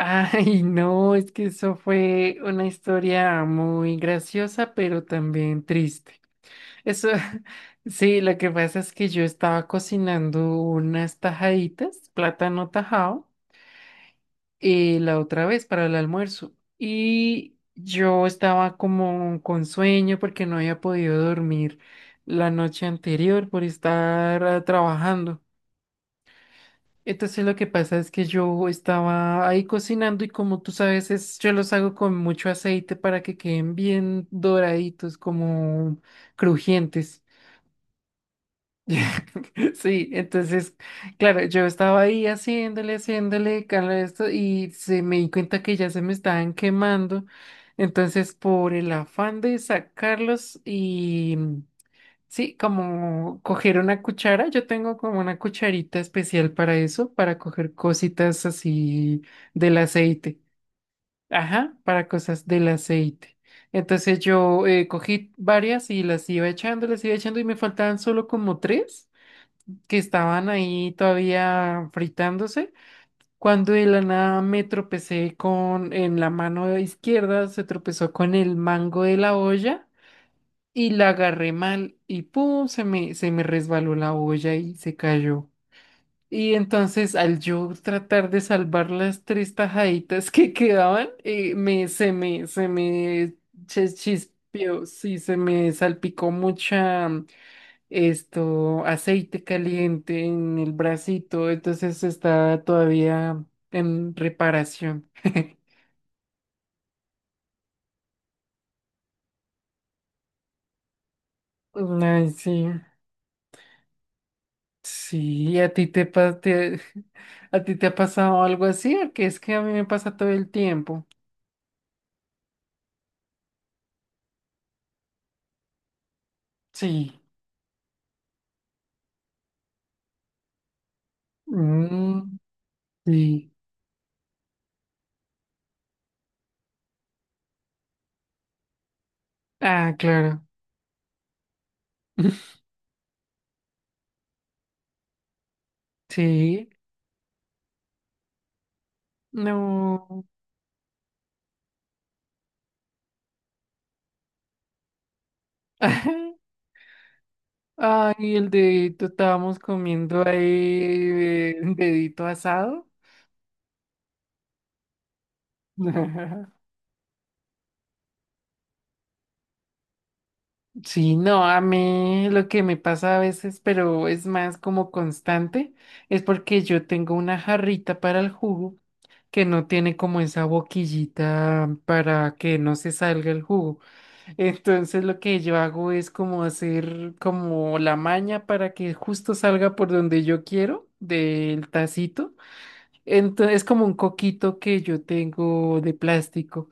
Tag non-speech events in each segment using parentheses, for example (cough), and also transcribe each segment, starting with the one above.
Ay, no, es que eso fue una historia muy graciosa, pero también triste. Eso, (laughs) sí, lo que pasa es que yo estaba cocinando unas tajaditas, plátano tajado, y la otra vez para el almuerzo. Y yo estaba como con sueño porque no había podido dormir la noche anterior por estar trabajando. Entonces lo que pasa es que yo estaba ahí cocinando y como tú sabes, es, yo los hago con mucho aceite para que queden bien doraditos, como crujientes. (laughs) Sí, entonces, claro, yo estaba ahí haciéndole, cala esto y se me di cuenta que ya se me estaban quemando. Entonces, por el afán de sacarlos y sí, como coger una cuchara, yo tengo como una cucharita especial para eso, para coger cositas así del aceite. Ajá, para cosas del aceite. Entonces yo cogí varias y las iba echando y me faltaban solo como tres que estaban ahí todavía fritándose. Cuando de la nada me tropecé con, en la mano izquierda, se tropezó con el mango de la olla y la agarré mal y pum, se me resbaló la olla y se cayó. Y entonces al yo tratar de salvar las tres tajaditas (laughs) que quedaban, se me chispeó, sí, se me salpicó mucha aceite caliente en el bracito, entonces está todavía en reparación. (laughs) Ay, sí. Sí, ¿a ti te, pa- te- (laughs) ¿a ti te ha pasado algo así? Porque es que a mí me pasa todo el tiempo. Sí. Mm, sí. Ah, claro. (laughs) Sí. No. (laughs) Ay, el dedito, estábamos comiendo ahí dedito asado. (laughs) Sí, no, a mí lo que me pasa a veces, pero es más como constante, es porque yo tengo una jarrita para el jugo, que no tiene como esa boquillita para que no se salga el jugo. Entonces lo que yo hago es como hacer como la maña para que justo salga por donde yo quiero del tacito. Entonces es como un coquito que yo tengo de plástico.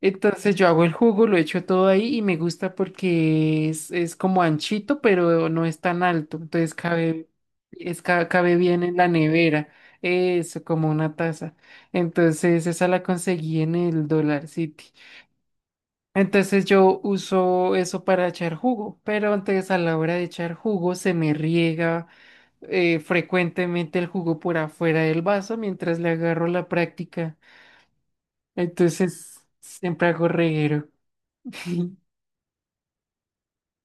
Entonces yo hago el jugo, lo echo todo ahí y me gusta porque es como anchito, pero no es tan alto. Entonces cabe, es, cabe bien en la nevera. Eso, como una taza. Entonces esa la conseguí en el Dollar City. Entonces yo uso eso para echar jugo, pero antes a la hora de echar jugo se me riega frecuentemente el jugo por afuera del vaso mientras le agarro la práctica. Entonces siempre hago reguero. (laughs)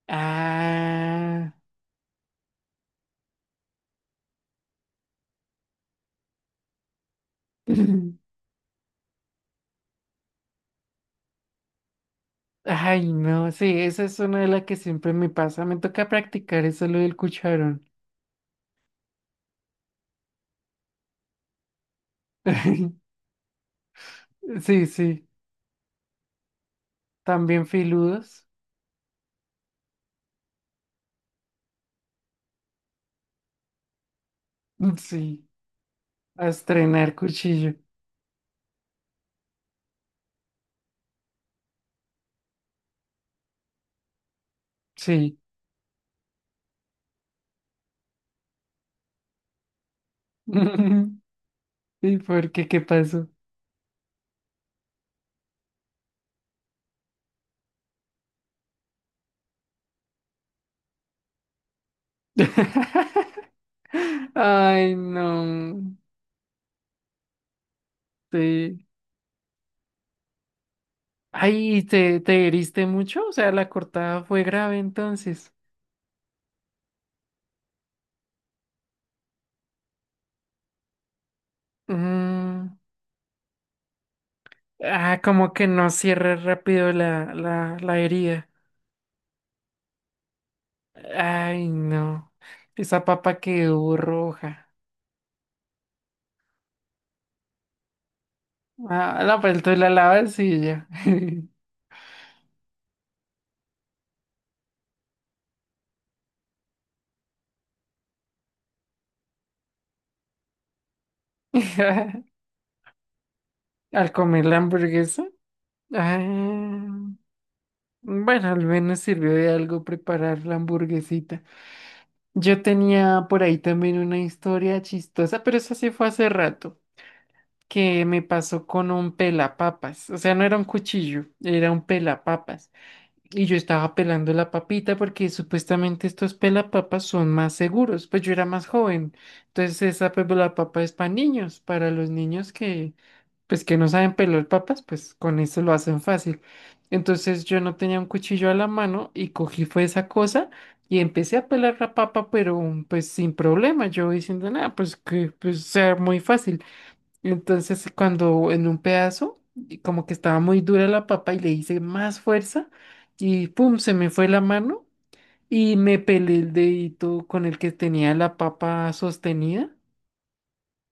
Ah, (laughs) ay, no, sí, esa es una de las que siempre me pasa. Me toca practicar eso lo del cucharón. (laughs) Sí, sí, también filudos. Mm, sí, a estrenar cuchillo. Sí. (laughs) ¿Y por qué? ¿Qué pasó? (laughs) Ay, no. Sí. Ay, ¿te, te heriste mucho? O sea, la cortada fue grave entonces. Mm. Ah, como que no cierre rápido la herida. Ay, no. Esa papa quedó roja. Ah, no, pero tú la lavas y ya. (laughs) Al comer la hamburguesa. Ah, bueno, al menos sirvió de algo preparar la hamburguesita. Yo tenía por ahí también una historia chistosa, pero eso sí fue hace rato, que me pasó con un pelapapas, o sea, no era un cuchillo, era un pelapapas. Y yo estaba pelando la papita porque supuestamente estos pelapapas son más seguros. Pues yo era más joven. Entonces esa pelapapa es para niños, para los niños que pues que no saben pelar papas, pues con eso lo hacen fácil. Entonces yo no tenía un cuchillo a la mano y cogí fue esa cosa y empecé a pelar la papa, pero pues sin problema. Yo diciendo, nada, pues que pues sea muy fácil. Entonces, cuando en un pedazo, y como que estaba muy dura la papa y le hice más fuerza y pum, se me fue la mano y me pelé el dedito con el que tenía la papa sostenida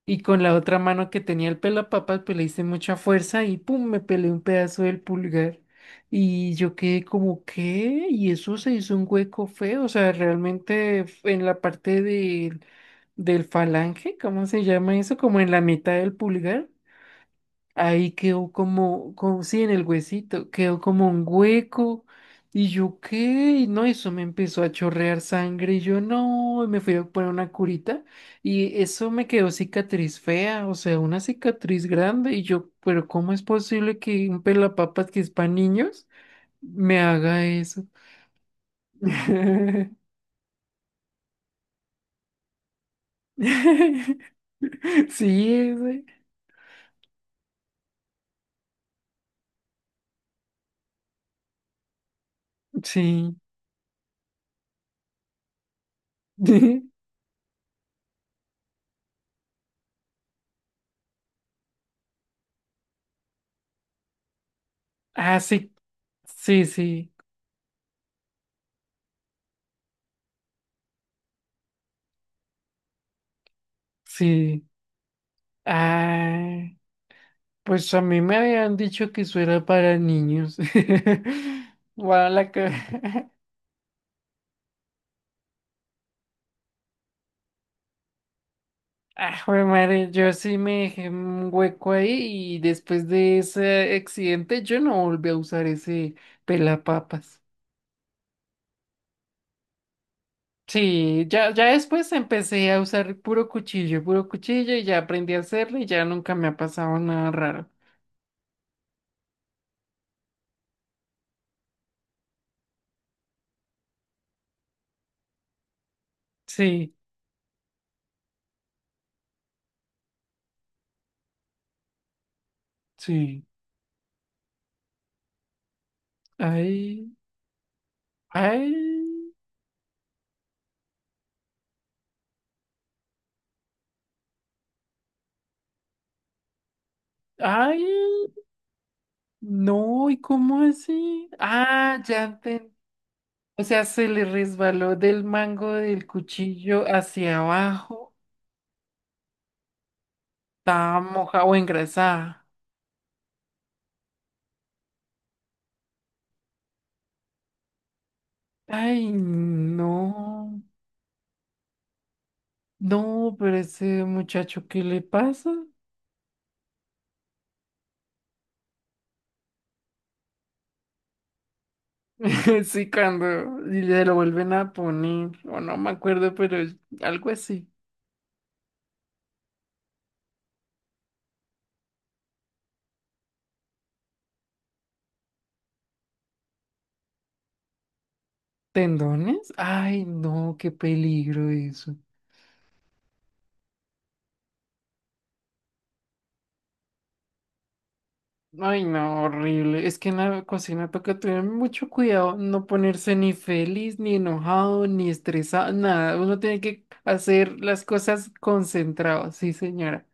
y con la otra mano que tenía el pelapapas, pues le hice mucha fuerza y pum, me pelé un pedazo del pulgar y yo quedé como, ¿qué? Y eso se hizo un hueco feo, o sea, realmente en la parte del del falange, ¿cómo se llama eso? Como en la mitad del pulgar. Ahí quedó como, como, sí, en el huesito, quedó como un hueco. Y yo, ¿qué? Y no, eso me empezó a chorrear sangre. Y yo, no, y me fui a poner una curita. Y eso me quedó cicatriz fea, o sea, una cicatriz grande. Y yo, ¿pero cómo es posible que un pelapapas que es para niños me haga eso? (laughs) Sí, ese, sí. (laughs) Ah, sí, sí, sí, sí. Ah. Pues a mí me habían dicho que eso era para niños. (laughs) Bueno, la que... (laughs) Ah, jue madre, yo sí me dejé un hueco ahí y después de ese accidente yo no volví a usar ese pelapapas. Sí, ya, ya después empecé a usar puro cuchillo y ya aprendí a hacerlo y ya nunca me ha pasado nada raro. Sí, sí. Ay, ay, ay. No, ¿y cómo así? Ah, ya. O sea, se le resbaló del mango del cuchillo hacia abajo. Estaba mojada o engrasada. Ay, no. No, pero ese muchacho, ¿qué le pasa? (laughs) Sí, cuando y le lo vuelven a poner, o no me acuerdo, pero es algo así. ¿Tendones? Ay, no, qué peligro eso. Ay, no, horrible. Es que en la cocina toca tener mucho cuidado, no ponerse ni feliz, ni enojado, ni estresado, nada. Uno tiene que hacer las cosas concentrado, sí, señora.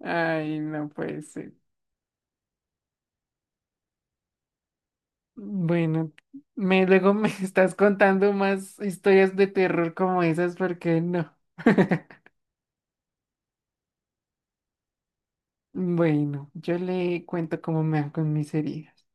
Ay, no puede ser. Bueno, luego me (laughs) estás contando más historias de terror como esas, porque no. (laughs) Bueno, yo le cuento cómo me van con mis heridas.